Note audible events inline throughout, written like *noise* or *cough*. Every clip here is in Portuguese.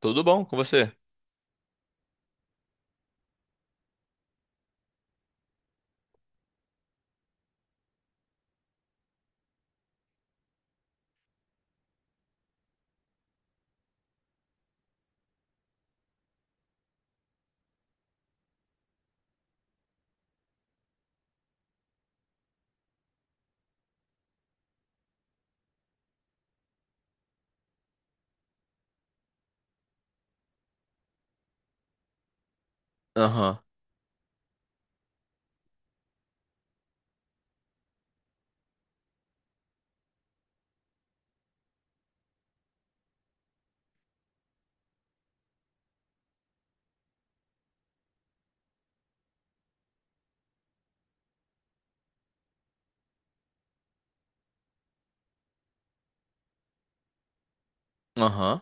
Tudo bom com você? Aham, aham,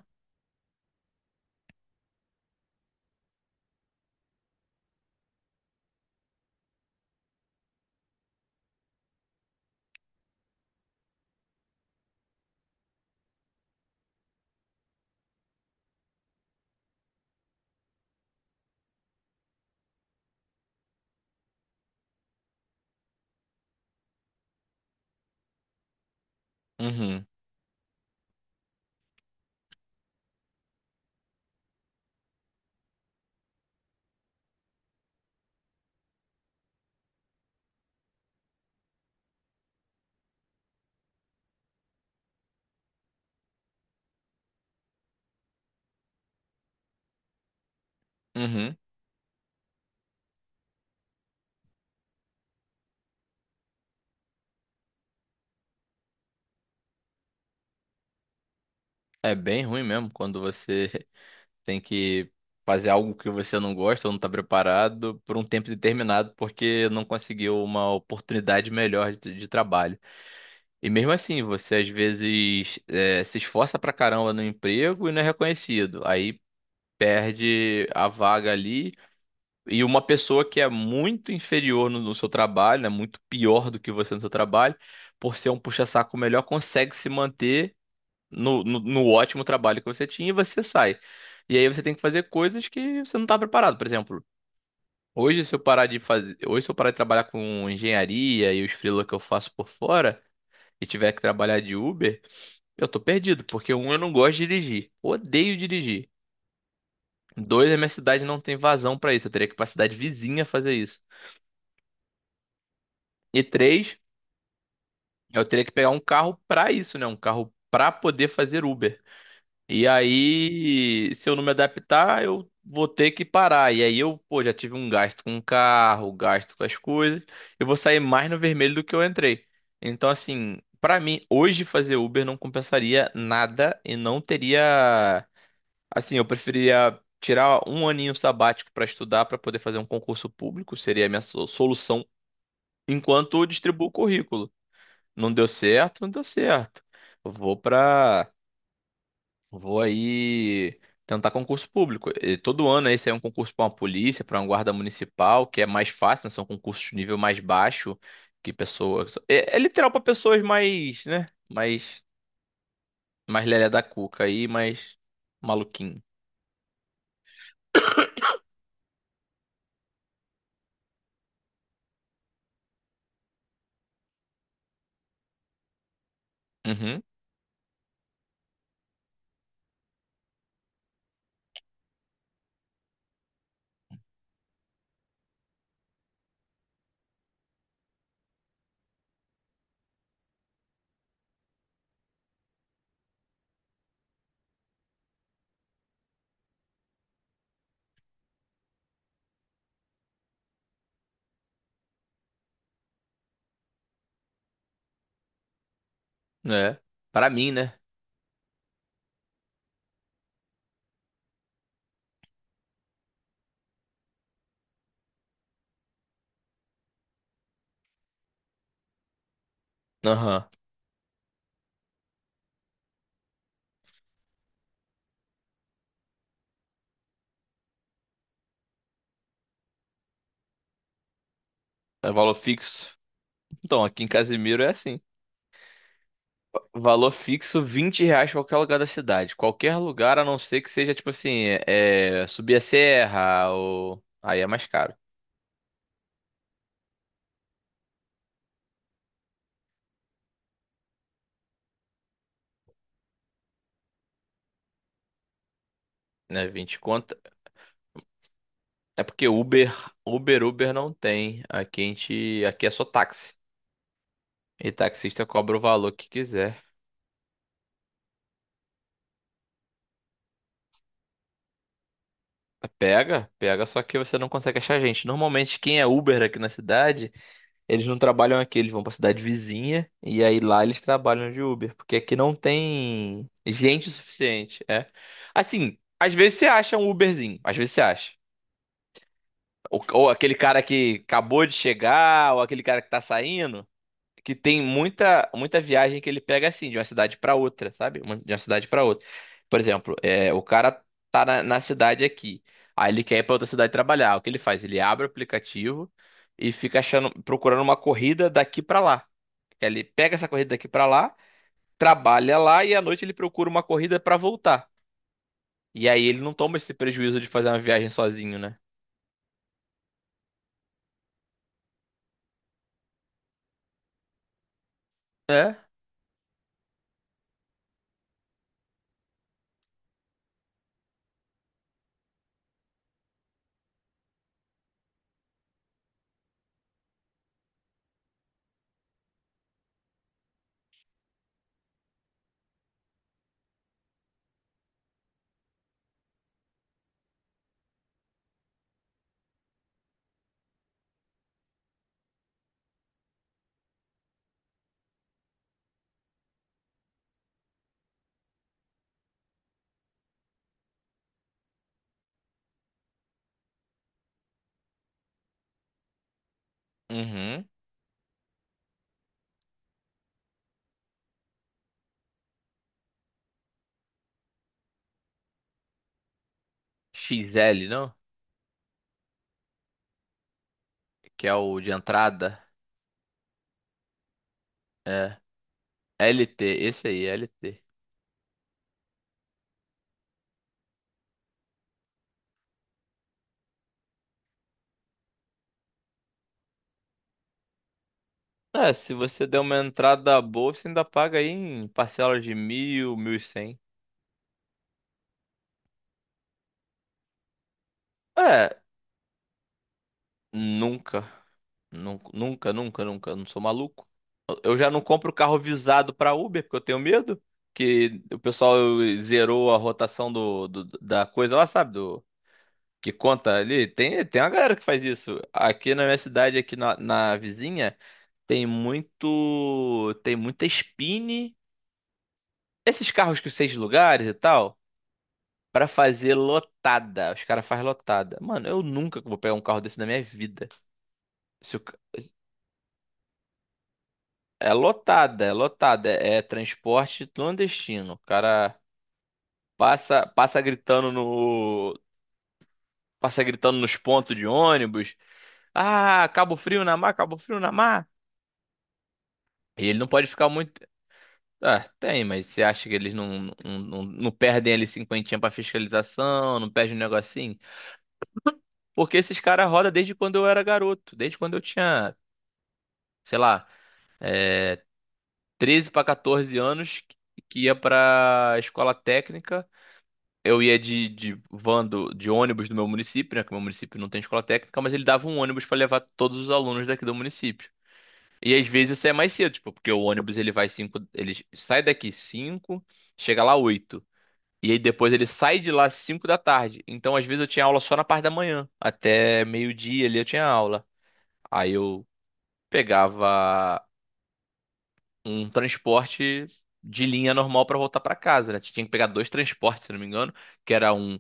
uhum, uhum. É bem ruim mesmo quando você *laughs* tem que fazer algo que você não gosta ou não está preparado por um tempo determinado porque não conseguiu uma oportunidade melhor de trabalho. E mesmo assim, você às vezes é, se esforça pra caramba no emprego e não é reconhecido. Aí perde a vaga ali. E uma pessoa que é muito inferior no seu trabalho, né, muito pior do que você no seu trabalho, por ser um puxa-saco melhor, consegue se manter no ótimo trabalho que você tinha e você sai. E aí você tem que fazer coisas que você não está preparado. Por exemplo, hoje se eu parar de fazer, hoje se eu parar de trabalhar com engenharia e os freela que eu faço por fora e tiver que trabalhar de Uber, eu tô perdido, porque um, eu não gosto de dirigir, odeio dirigir. Dois, a minha cidade não tem vazão para isso, eu teria que ir para cidade vizinha fazer isso. E três, eu teria que pegar um carro pra isso, né? Um carro pra poder fazer Uber. E aí, se eu não me adaptar, eu vou ter que parar. E aí eu, pô, já tive um gasto com o carro, gasto com as coisas. Eu vou sair mais no vermelho do que eu entrei. Então, assim, pra mim, hoje fazer Uber não compensaria nada e não teria. Assim, eu preferiria tirar um aninho sabático pra estudar, pra poder fazer um concurso público, seria a minha solução, enquanto eu distribuo o currículo. Não deu certo, não deu certo. Vou pra. Vou aí tentar concurso público. E todo ano aí sai um concurso para uma polícia, para uma guarda municipal, que é mais fácil, né? São concursos de nível mais baixo que pessoas. É literal para pessoas mais, né? Mais lelé da cuca aí, mais maluquinho. Uhum, é. Para mim, né? Aham. É valor fixo. Então, aqui em Casimiro é assim. Valor fixo, R$ 20 pra qualquer lugar da cidade. Qualquer lugar, a não ser que seja, tipo assim, é, é, subir a serra ou... Aí é mais caro, né? 20 conta. É porque Uber não tem. Aqui a gente... Aqui é só táxi. E taxista cobra o valor que quiser. Pega, pega, só que você não consegue achar gente. Normalmente, quem é Uber aqui na cidade... Eles não trabalham aqui, eles vão pra cidade vizinha e aí lá eles trabalham de Uber, porque aqui não tem gente o suficiente, é. Assim, às vezes você acha um Uberzinho, às vezes você acha. Ou aquele cara que acabou de chegar, ou aquele cara que tá saindo, que tem muita muita viagem que ele pega assim, de uma cidade pra outra, sabe? De uma cidade pra outra. Por exemplo, é, o cara tá na cidade aqui, aí ele quer ir pra outra cidade trabalhar. O que ele faz? Ele abre o aplicativo e fica achando, procurando uma corrida daqui pra lá. Ele pega essa corrida daqui pra lá, trabalha lá e à noite ele procura uma corrida pra voltar. E aí ele não toma esse prejuízo de fazer uma viagem sozinho, né? É? Uhum. XL, não? Que é o de entrada. É. LT, esse aí, LT. É, se você der uma entrada boa, você ainda paga aí em parcelas de mil, mil e cem. É, nunca. Nunca, nunca, nunca. Eu não sou maluco. Eu já não compro carro visado para Uber, porque eu tenho medo que o pessoal zerou a rotação da coisa lá, sabe? Do, que conta ali. Tem uma galera que faz isso. Aqui na minha cidade, aqui na vizinha, tem muito. Tem muita Spin. Esses carros que seis lugares e tal, para fazer lotada. Os caras fazem lotada. Mano, eu nunca vou pegar um carro desse na minha vida. É lotada, é lotada, é transporte clandestino. O cara passa, passa gritando no, passa gritando nos pontos de ônibus. Ah, Cabo Frio na mar, Cabo Frio na mar. E ele não pode ficar muito. Ah, tem, mas você acha que eles não perdem ali cinquentinha pra fiscalização, não perdem um negocinho? Porque esses caras rodam desde quando eu era garoto, desde quando eu tinha, sei lá, 13 pra 14 anos, que ia pra escola técnica eu ia de ônibus do meu município, né? Que meu município não tem escola técnica, mas ele dava um ônibus para levar todos os alunos daqui do município. E às vezes isso é mais cedo, tipo, porque o ônibus ele vai cinco, ele sai daqui 5, chega lá 8, e aí depois ele sai de lá 5 da tarde. Então às vezes eu tinha aula só na parte da manhã, até meio-dia ali eu tinha aula. Aí eu pegava um transporte de linha normal para voltar para casa, né? Tinha que pegar dois transportes, se não me engano, que era um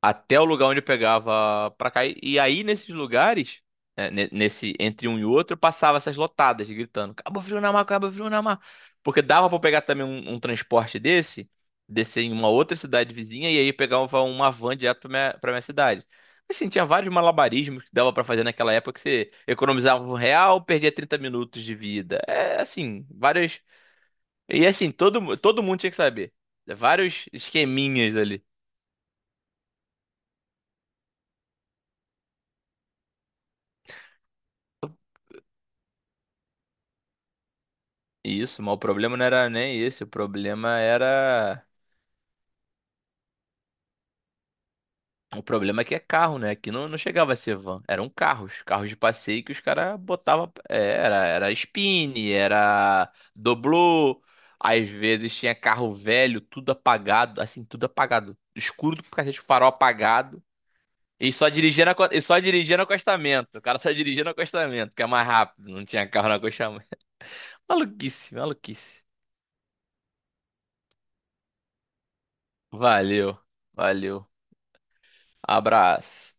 até o lugar onde eu pegava pra cair. E aí, nesses lugares, né, nesse entre um e outro, eu passava essas lotadas gritando: Cabo Frio na mar, Cabo Frio na mar. Porque dava pra pegar também um transporte desse, descer em uma outra cidade vizinha e aí pegava uma van direto pra minha cidade. Assim, tinha vários malabarismos que dava pra fazer naquela época que você economizava um real, perdia 30 minutos de vida. É assim, várias. E assim, todo mundo tinha que saber. Vários esqueminhas ali. Isso, mas o problema não era nem esse, o problema era. O problema é que é carro, né? Aqui não, não chegava a ser van, eram carros, carros de passeio que os caras botavam. É, era spin, era doblô, às vezes tinha carro velho, tudo apagado, assim, tudo apagado, escuro do cacete, farol apagado, e só dirigia dirigindo acostamento, o cara só dirigia dirigindo acostamento, que é mais rápido, não tinha carro no acostamento. *laughs* Maluquice, maluquice. Valeu, valeu, abraço.